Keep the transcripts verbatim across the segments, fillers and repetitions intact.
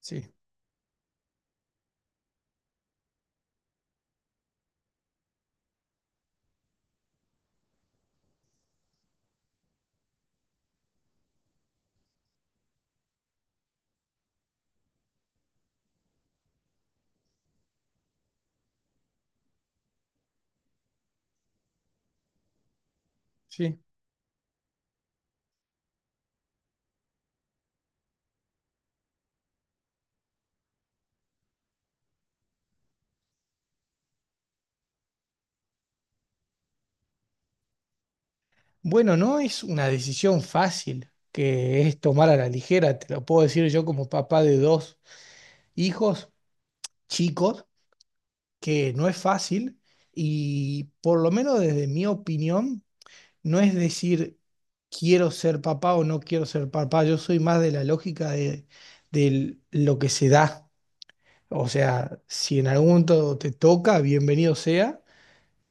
Sí, sí. Bueno, no es una decisión fácil que es tomar a la ligera, te lo puedo decir yo como papá de dos hijos chicos, que no es fácil y por lo menos desde mi opinión, no es decir quiero ser papá o no quiero ser papá, yo soy más de la lógica de, de lo que se da. O sea, si en algún momento te toca, bienvenido sea,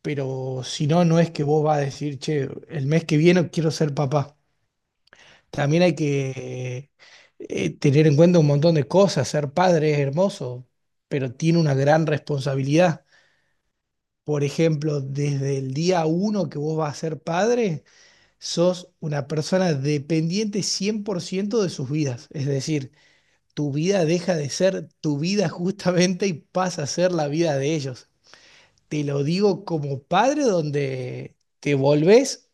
pero si no, no es que vos vas a decir, che, el mes que viene quiero ser papá. También hay que eh, tener en cuenta un montón de cosas. Ser padre es hermoso, pero tiene una gran responsabilidad. Por ejemplo, desde el día uno que vos vas a ser padre, sos una persona dependiente cien por ciento de sus vidas. Es decir, tu vida deja de ser tu vida justamente y pasa a ser la vida de ellos. Te lo digo como padre donde te volvés,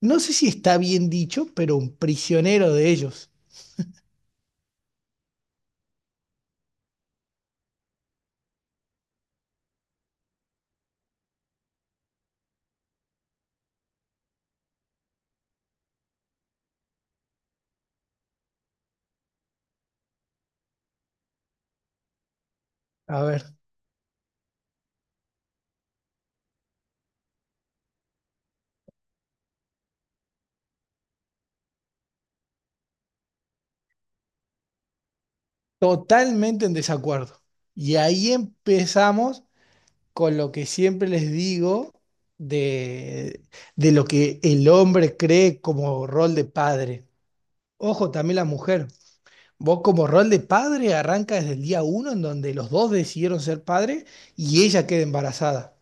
no sé si está bien dicho, pero un prisionero de ellos. A ver. Totalmente en desacuerdo. Y ahí empezamos con lo que siempre les digo de, de lo que el hombre cree como rol de padre. Ojo, también la mujer. Vos como rol de padre arranca desde el día uno en donde los dos decidieron ser padres y ella queda embarazada.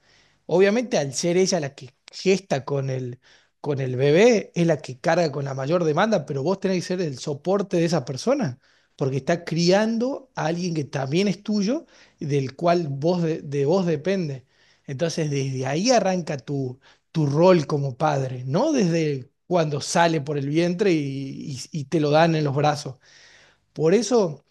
Obviamente al ser ella la que gesta con el, con el bebé, es la que carga con la mayor demanda, pero vos tenés que ser el soporte de esa persona, porque está criando a alguien que también es tuyo, del cual vos de, de vos depende. Entonces desde ahí arranca tu, tu rol como padre, no desde cuando sale por el vientre y y- y te lo dan en los brazos. Por eso,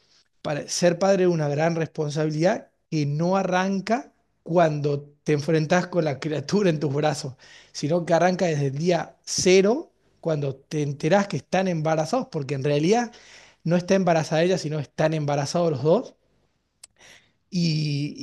para ser padre es una gran responsabilidad que no arranca cuando te enfrentas con la criatura en tus brazos, sino que arranca desde el día cero, cuando te enterás que están embarazados, porque en realidad no está embarazada ella, sino están embarazados los dos. Y,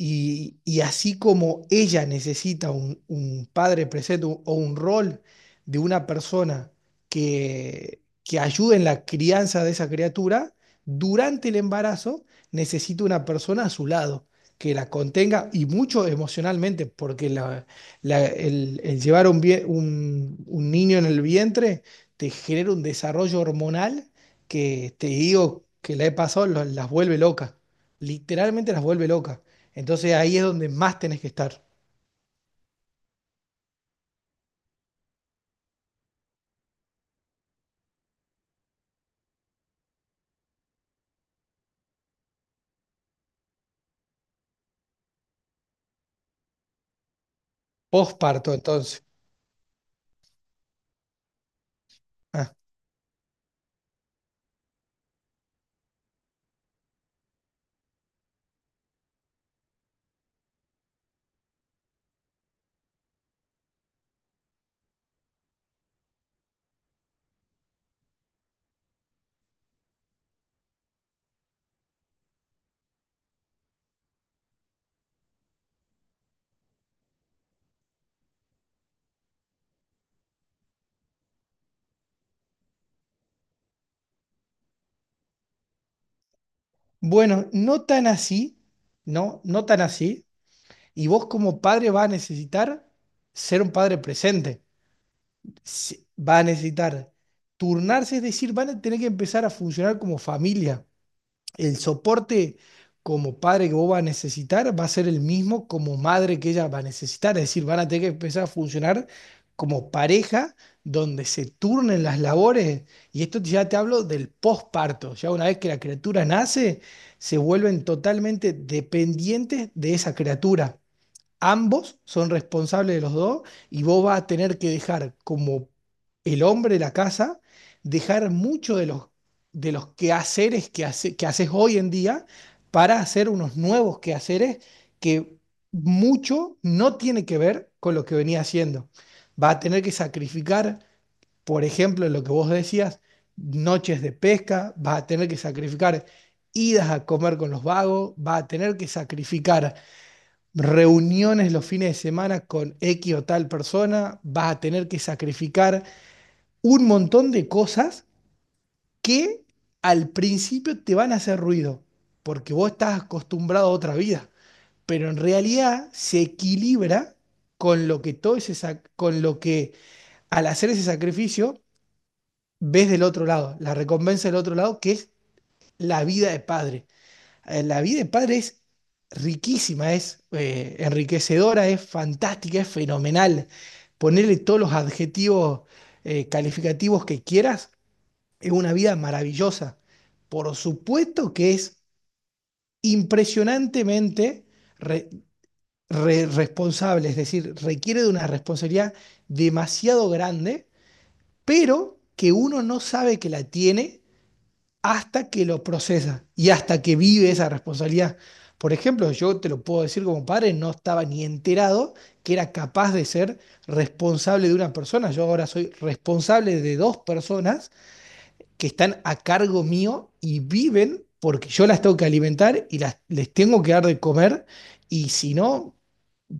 y- y así como ella necesita un, un padre presente un- o un rol de una persona que, que ayude en la crianza de esa criatura, durante el embarazo necesita una persona a su lado que la contenga y mucho emocionalmente, porque la- la- el, el llevar un, vie- un un niño en el vientre te genera un desarrollo hormonal que te digo que la he pasado, lo- las vuelve locas literalmente las vuelve locas. Entonces ahí es donde más tenés que estar. Posparto entonces. Ah, bueno, no tan así, no, no tan así. Y vos como padre vas a necesitar ser un padre presente. Si- Va a necesitar turnarse, es decir, van a tener que empezar a funcionar como familia. El soporte como padre que vos vas a necesitar va a ser el mismo como madre que ella va a necesitar. Es decir, van a tener que empezar a funcionar como pareja donde se turnen las labores. Y esto ya te hablo del posparto. Ya una vez que la criatura nace, se vuelven totalmente dependientes de esa criatura. Ambos son responsables de los dos y vos vas a tener que dejar como el hombre de la casa, dejar mucho de los, de los quehaceres que, hace- que haces hoy en día para hacer unos nuevos quehaceres que mucho no tiene que ver con lo que venía haciendo. Va a tener que sacrificar, por ejemplo, lo que vos decías, noches de pesca, va a tener que sacrificar idas a comer con los vagos, va a tener que sacrificar reuniones los fines de semana con X o tal persona, vas a tener que sacrificar un montón de cosas que al principio te van a hacer ruido, porque vos estás acostumbrado a otra vida, pero en realidad se equilibra con lo que todo ese sac- con lo que al hacer ese sacrificio ves del otro lado, la recompensa del otro lado que es la vida de padre. eh, la vida de padre es riquísima, es eh, enriquecedora, es fantástica, es fenomenal. Ponerle todos los adjetivos eh, calificativos que quieras, es una vida maravillosa. Por supuesto que es impresionantemente re- re- responsable, es decir, requiere de una responsabilidad demasiado grande, pero que uno no sabe que la tiene hasta que lo procesa y hasta que vive esa responsabilidad. Por ejemplo, yo te lo puedo decir como padre, no estaba ni enterado que era capaz de ser responsable de una persona. Yo ahora soy responsable de dos personas que están a cargo mío y viven porque yo las tengo que alimentar y las, les tengo que dar de comer. Y si no,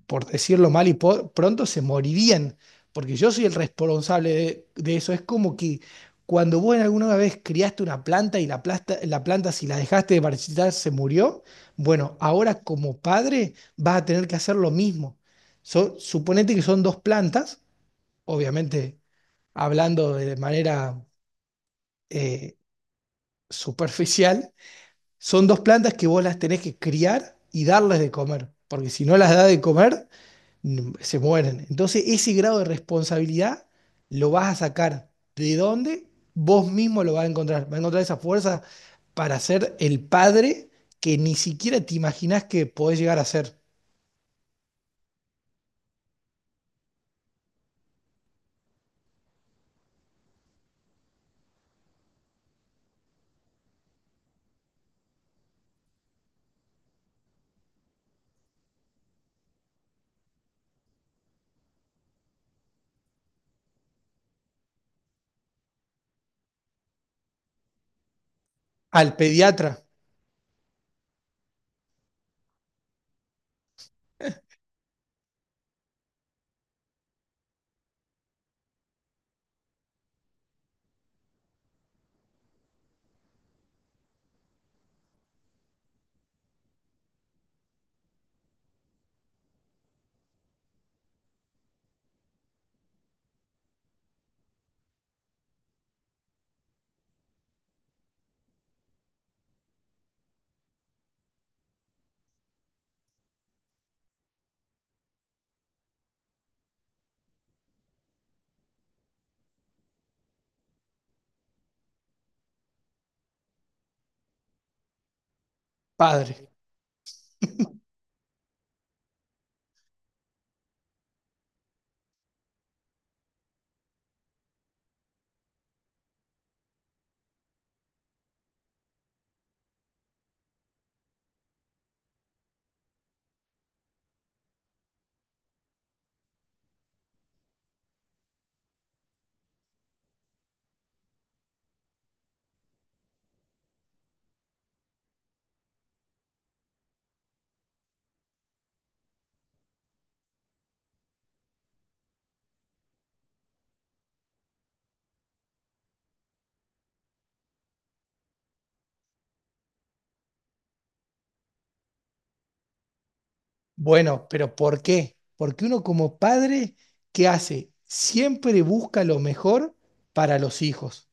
por decirlo mal y po- pronto, se morirían, porque yo soy el responsable de, de eso. Es como que cuando vos en alguna vez criaste una planta y la planta, la planta si la dejaste de marchitar se murió, bueno, ahora como padre vas a tener que hacer lo mismo. So- suponete que son dos plantas, obviamente hablando de manera eh, superficial, son dos plantas que vos las tenés que criar y darles de comer, porque si no las das de comer, mm, se mueren. Entonces, ese grado de responsabilidad lo vas a sacar. ¿De dónde? Vos mismo lo vas a encontrar. Vas a encontrar esa fuerza para ser el padre que ni siquiera te imaginás que podés llegar a ser. Al pediatra, padre. Bueno, pero ¿por qué? Porque uno como padre, ¿qué hace? Siempre busca lo mejor para los hijos.